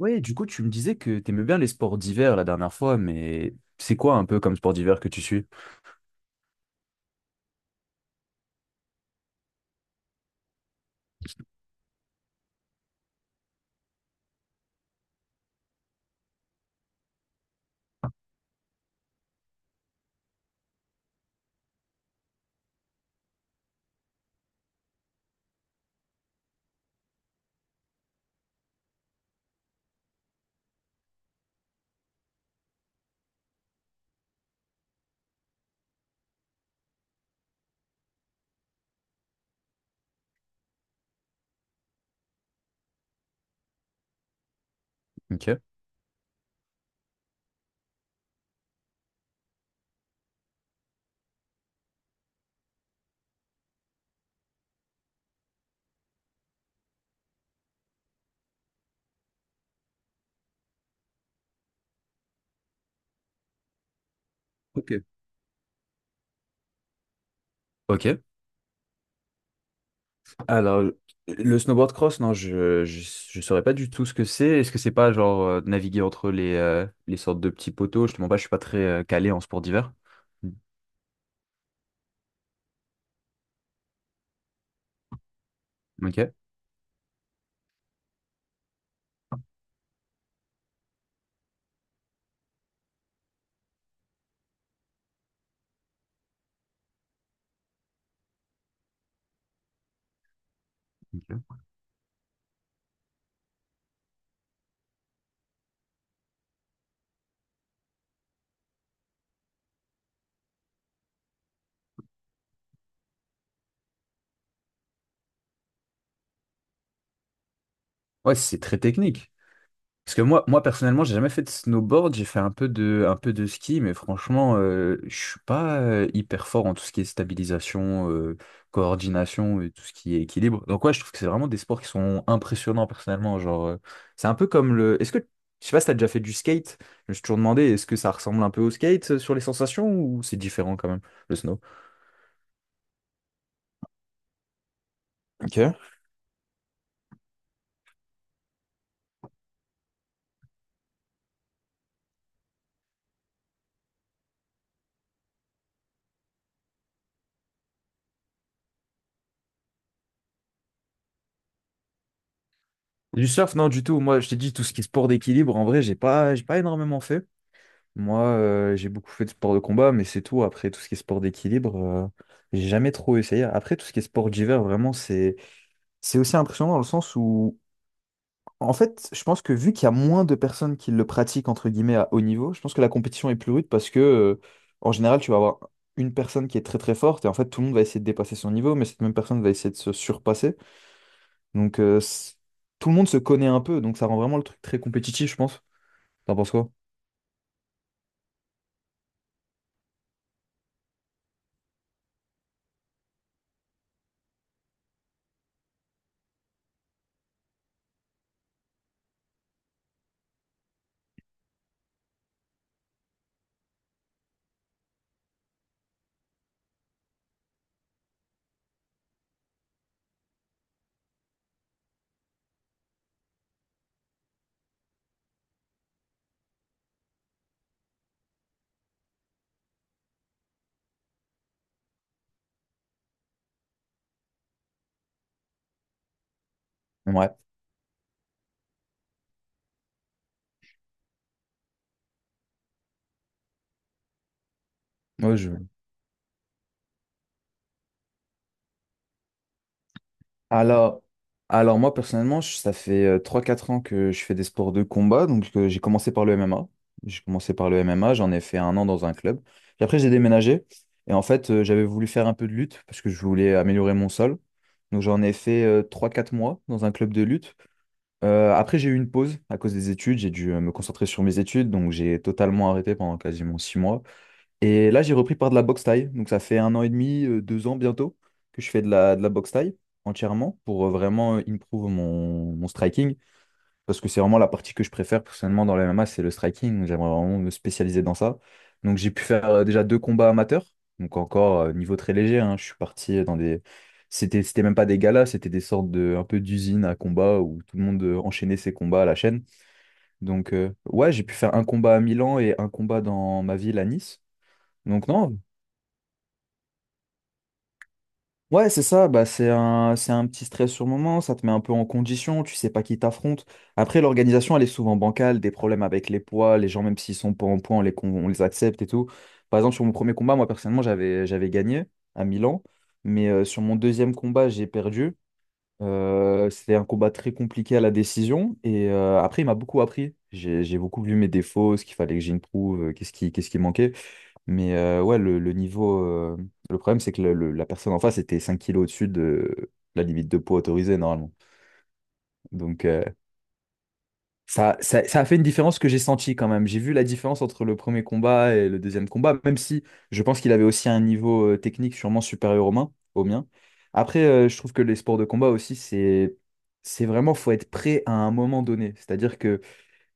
Oui, du coup, tu me disais que t'aimais bien les sports d'hiver la dernière fois, mais c'est quoi un peu comme sport d'hiver que tu suis? Ok. Ok. Ok. Alors, le snowboard cross, non, je saurais pas du tout ce que c'est. Est-ce que c'est pas genre naviguer entre les sortes de petits poteaux? Je te mens pas, je suis pas très calé en sport d'hiver. Mmh. Ok. Ok. Ouais, c'est très technique. Parce que moi personnellement, j'ai jamais fait de snowboard, j'ai fait un peu de ski, mais franchement, je suis pas hyper fort en tout ce qui est stabilisation, coordination et tout ce qui est équilibre. Donc ouais, je trouve que c'est vraiment des sports qui sont impressionnants personnellement. Genre, c'est un peu comme le. Est-ce que je sais pas si t'as déjà fait du skate? Je me suis toujours demandé, est-ce que ça ressemble un peu au skate sur les sensations ou c'est différent quand même, le snow? Ok. Du surf, non, du tout. Moi, je t'ai dit tout ce qui est sport d'équilibre, en vrai, j'ai pas énormément fait. Moi, j'ai beaucoup fait de sport de combat, mais c'est tout. Après, tout ce qui est sport d'équilibre, j'ai jamais trop essayé. Après, tout ce qui est sport d'hiver, vraiment, c'est aussi impressionnant dans le sens où, en fait, je pense que vu qu'il y a moins de personnes qui le pratiquent, entre guillemets, à haut niveau, je pense que la compétition est plus rude parce que, en général, tu vas avoir une personne qui est très très forte et en fait, tout le monde va essayer de dépasser son niveau, mais cette même personne va essayer de se surpasser. Donc, tout le monde se connaît un peu, donc ça rend vraiment le truc très compétitif, je pense. T'en penses quoi? Ouais. Ouais, je... Alors, alors, moi personnellement, ça fait 3-4 ans que je fais des sports de combat. Donc, j'ai commencé par le MMA. J'ai commencé par le MMA, j'en ai fait un an dans un club. Puis après j'ai déménagé. Et en fait, j'avais voulu faire un peu de lutte parce que je voulais améliorer mon sol. Donc j'en ai fait 3-4 mois dans un club de lutte. Après j'ai eu une pause à cause des études. J'ai dû me concentrer sur mes études. Donc j'ai totalement arrêté pendant quasiment 6 mois. Et là, j'ai repris par de la boxe thaï. Donc, ça fait un an et demi, 2 ans bientôt que je fais de la boxe thaï entièrement pour vraiment improve mon striking. Parce que c'est vraiment la partie que je préfère personnellement dans le MMA, c'est le striking. Donc, j'aimerais vraiment me spécialiser dans ça. Donc, j'ai pu faire déjà deux combats amateurs. Donc, encore niveau très léger, hein. Je suis parti dans des. C'était même pas des galas, c'était des sortes de un peu d'usines à combat où tout le monde enchaînait ses combats à la chaîne. Donc, ouais, j'ai pu faire un combat à Milan et un combat dans ma ville à Nice. Donc non, ouais, c'est ça, bah, c'est un petit stress sur le moment, ça te met un peu en condition, tu sais pas qui t'affronte. Après, l'organisation, elle est souvent bancale, des problèmes avec les poids, les gens, même s'ils sont pas en poids, on les accepte et tout. Par exemple, sur mon premier combat, moi, personnellement, j'avais gagné à Milan, mais sur mon deuxième combat, j'ai perdu. C'était un combat très compliqué à la décision, et après, il m'a beaucoup appris. J'ai beaucoup vu mes défauts, ce qu'il fallait que j'improve, qu'est-ce qui manquait. Mais ouais, le niveau. Le problème, c'est que la personne en face était 5 kilos au-dessus de la limite de poids autorisée normalement. Donc, ça a fait une différence que j'ai sentie quand même. J'ai vu la différence entre le premier combat et le deuxième combat, même si je pense qu'il avait aussi un niveau technique sûrement supérieur au mien. Au mien. Après, je trouve que les sports de combat aussi, c'est vraiment, faut être prêt à un moment donné. C'est-à-dire que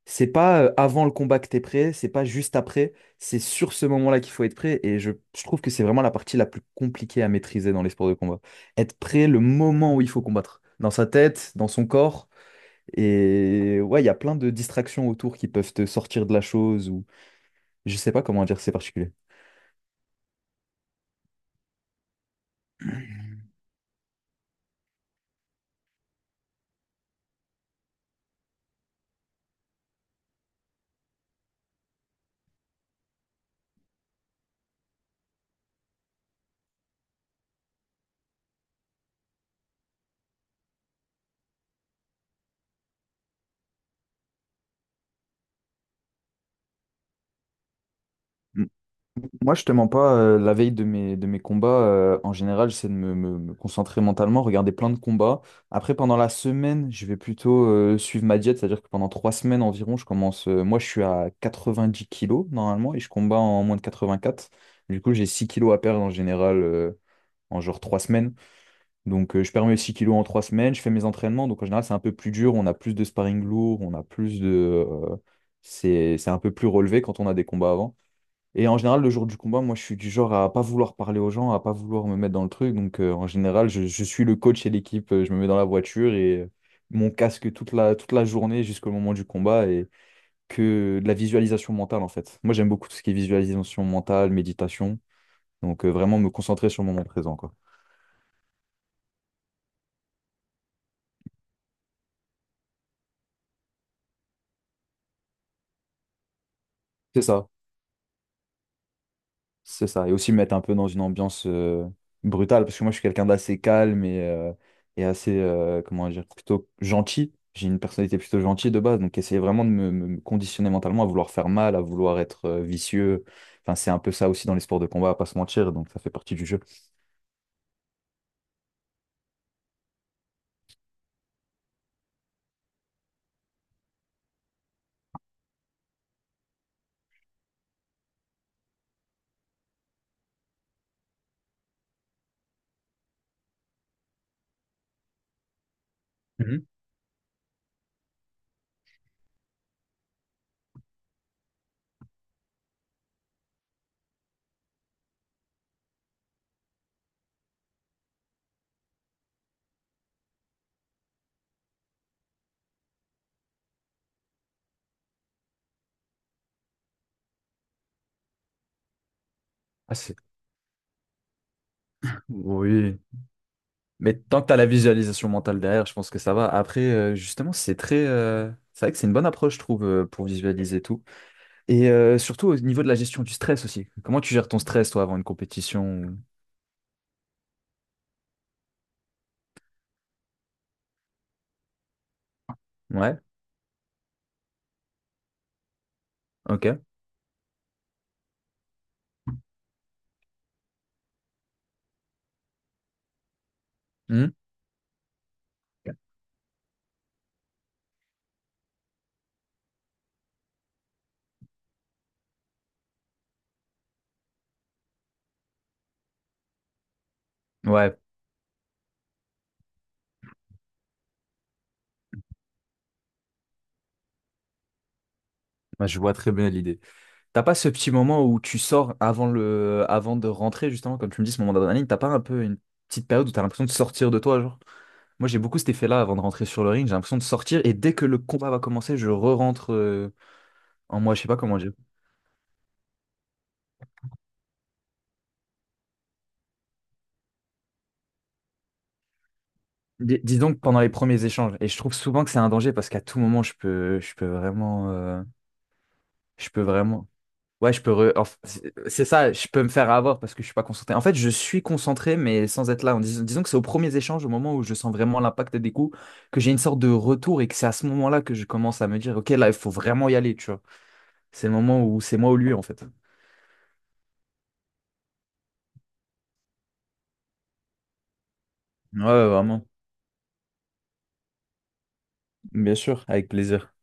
c'est pas avant le combat que t'es prêt, c'est pas juste après, c'est sur ce moment-là qu'il faut être prêt. Et je trouve que c'est vraiment la partie la plus compliquée à maîtriser dans les sports de combat. Être prêt le moment où il faut combattre, dans sa tête, dans son corps. Et ouais, il y a plein de distractions autour qui peuvent te sortir de la chose ou je sais pas comment dire, c'est particulier. Moi, je te mens pas, la veille de mes combats, en général, j'essaie de me concentrer mentalement, regarder plein de combats. Après, pendant la semaine, je vais plutôt suivre ma diète, c'est-à-dire que pendant 3 semaines environ, je commence. Moi, je suis à 90 kilos normalement et je combats en moins de 84. Du coup, j'ai 6 kilos à perdre en général en genre 3 semaines. Donc, je perds mes 6 kilos en 3 semaines, je fais mes entraînements. Donc, en général, c'est un peu plus dur, on a plus de sparring lourd, on a plus de. C'est un peu plus relevé quand on a des combats avant. Et en général, le jour du combat, moi, je suis du genre à pas vouloir parler aux gens, à pas vouloir me mettre dans le truc. Donc, en général, je suis le coach et l'équipe. Je me mets dans la voiture et mon casque toute la journée jusqu'au moment du combat et que de la visualisation mentale, en fait. Moi, j'aime beaucoup tout ce qui est visualisation mentale, méditation. Donc, vraiment me concentrer sur le moment présent, quoi. C'est ça. C'est ça. Et aussi me mettre un peu dans une ambiance brutale, parce que moi, je suis quelqu'un d'assez calme et assez, comment dire, plutôt gentil. J'ai une personnalité plutôt gentille de base, donc essayer vraiment de me conditionner mentalement à vouloir faire mal, à vouloir être vicieux. Enfin, c'est un peu ça aussi dans les sports de combat, à pas se mentir, donc ça fait partie du jeu. Ah, oui. Mais tant que tu as la visualisation mentale derrière, je pense que ça va. Après, justement, c'est très. C'est vrai que c'est une bonne approche, je trouve, pour visualiser tout. Et surtout au niveau de la gestion du stress aussi. Comment tu gères ton stress, toi, avant une compétition? Ouais, ok. Hmm. Ouais, moi, je vois très bien l'idée. T'as pas ce petit moment où tu sors avant de rentrer, justement, comme tu me dis, ce moment d'adrénaline, t'as pas un peu une petite période où t'as l'impression de sortir de toi, genre? Moi, j'ai beaucoup cet effet-là avant de rentrer sur le ring, j'ai l'impression de sortir et dès que le combat va commencer, je re-rentre en moi, je sais pas comment dire. Dis donc pendant les premiers échanges. Et je trouve souvent que c'est un danger parce qu'à tout moment, je peux vraiment, je peux vraiment, ouais, je peux, c'est ça, je peux me faire avoir parce que je suis pas concentré. En fait, je suis concentré, mais sans être là. Disons que c'est aux premiers échanges, au moment où je sens vraiment l'impact des coups, que j'ai une sorte de retour et que c'est à ce moment-là que je commence à me dire, ok, là, il faut vraiment y aller, tu vois. C'est le moment où c'est moi ou lui, en fait. Ouais, vraiment. Bien sûr, avec plaisir.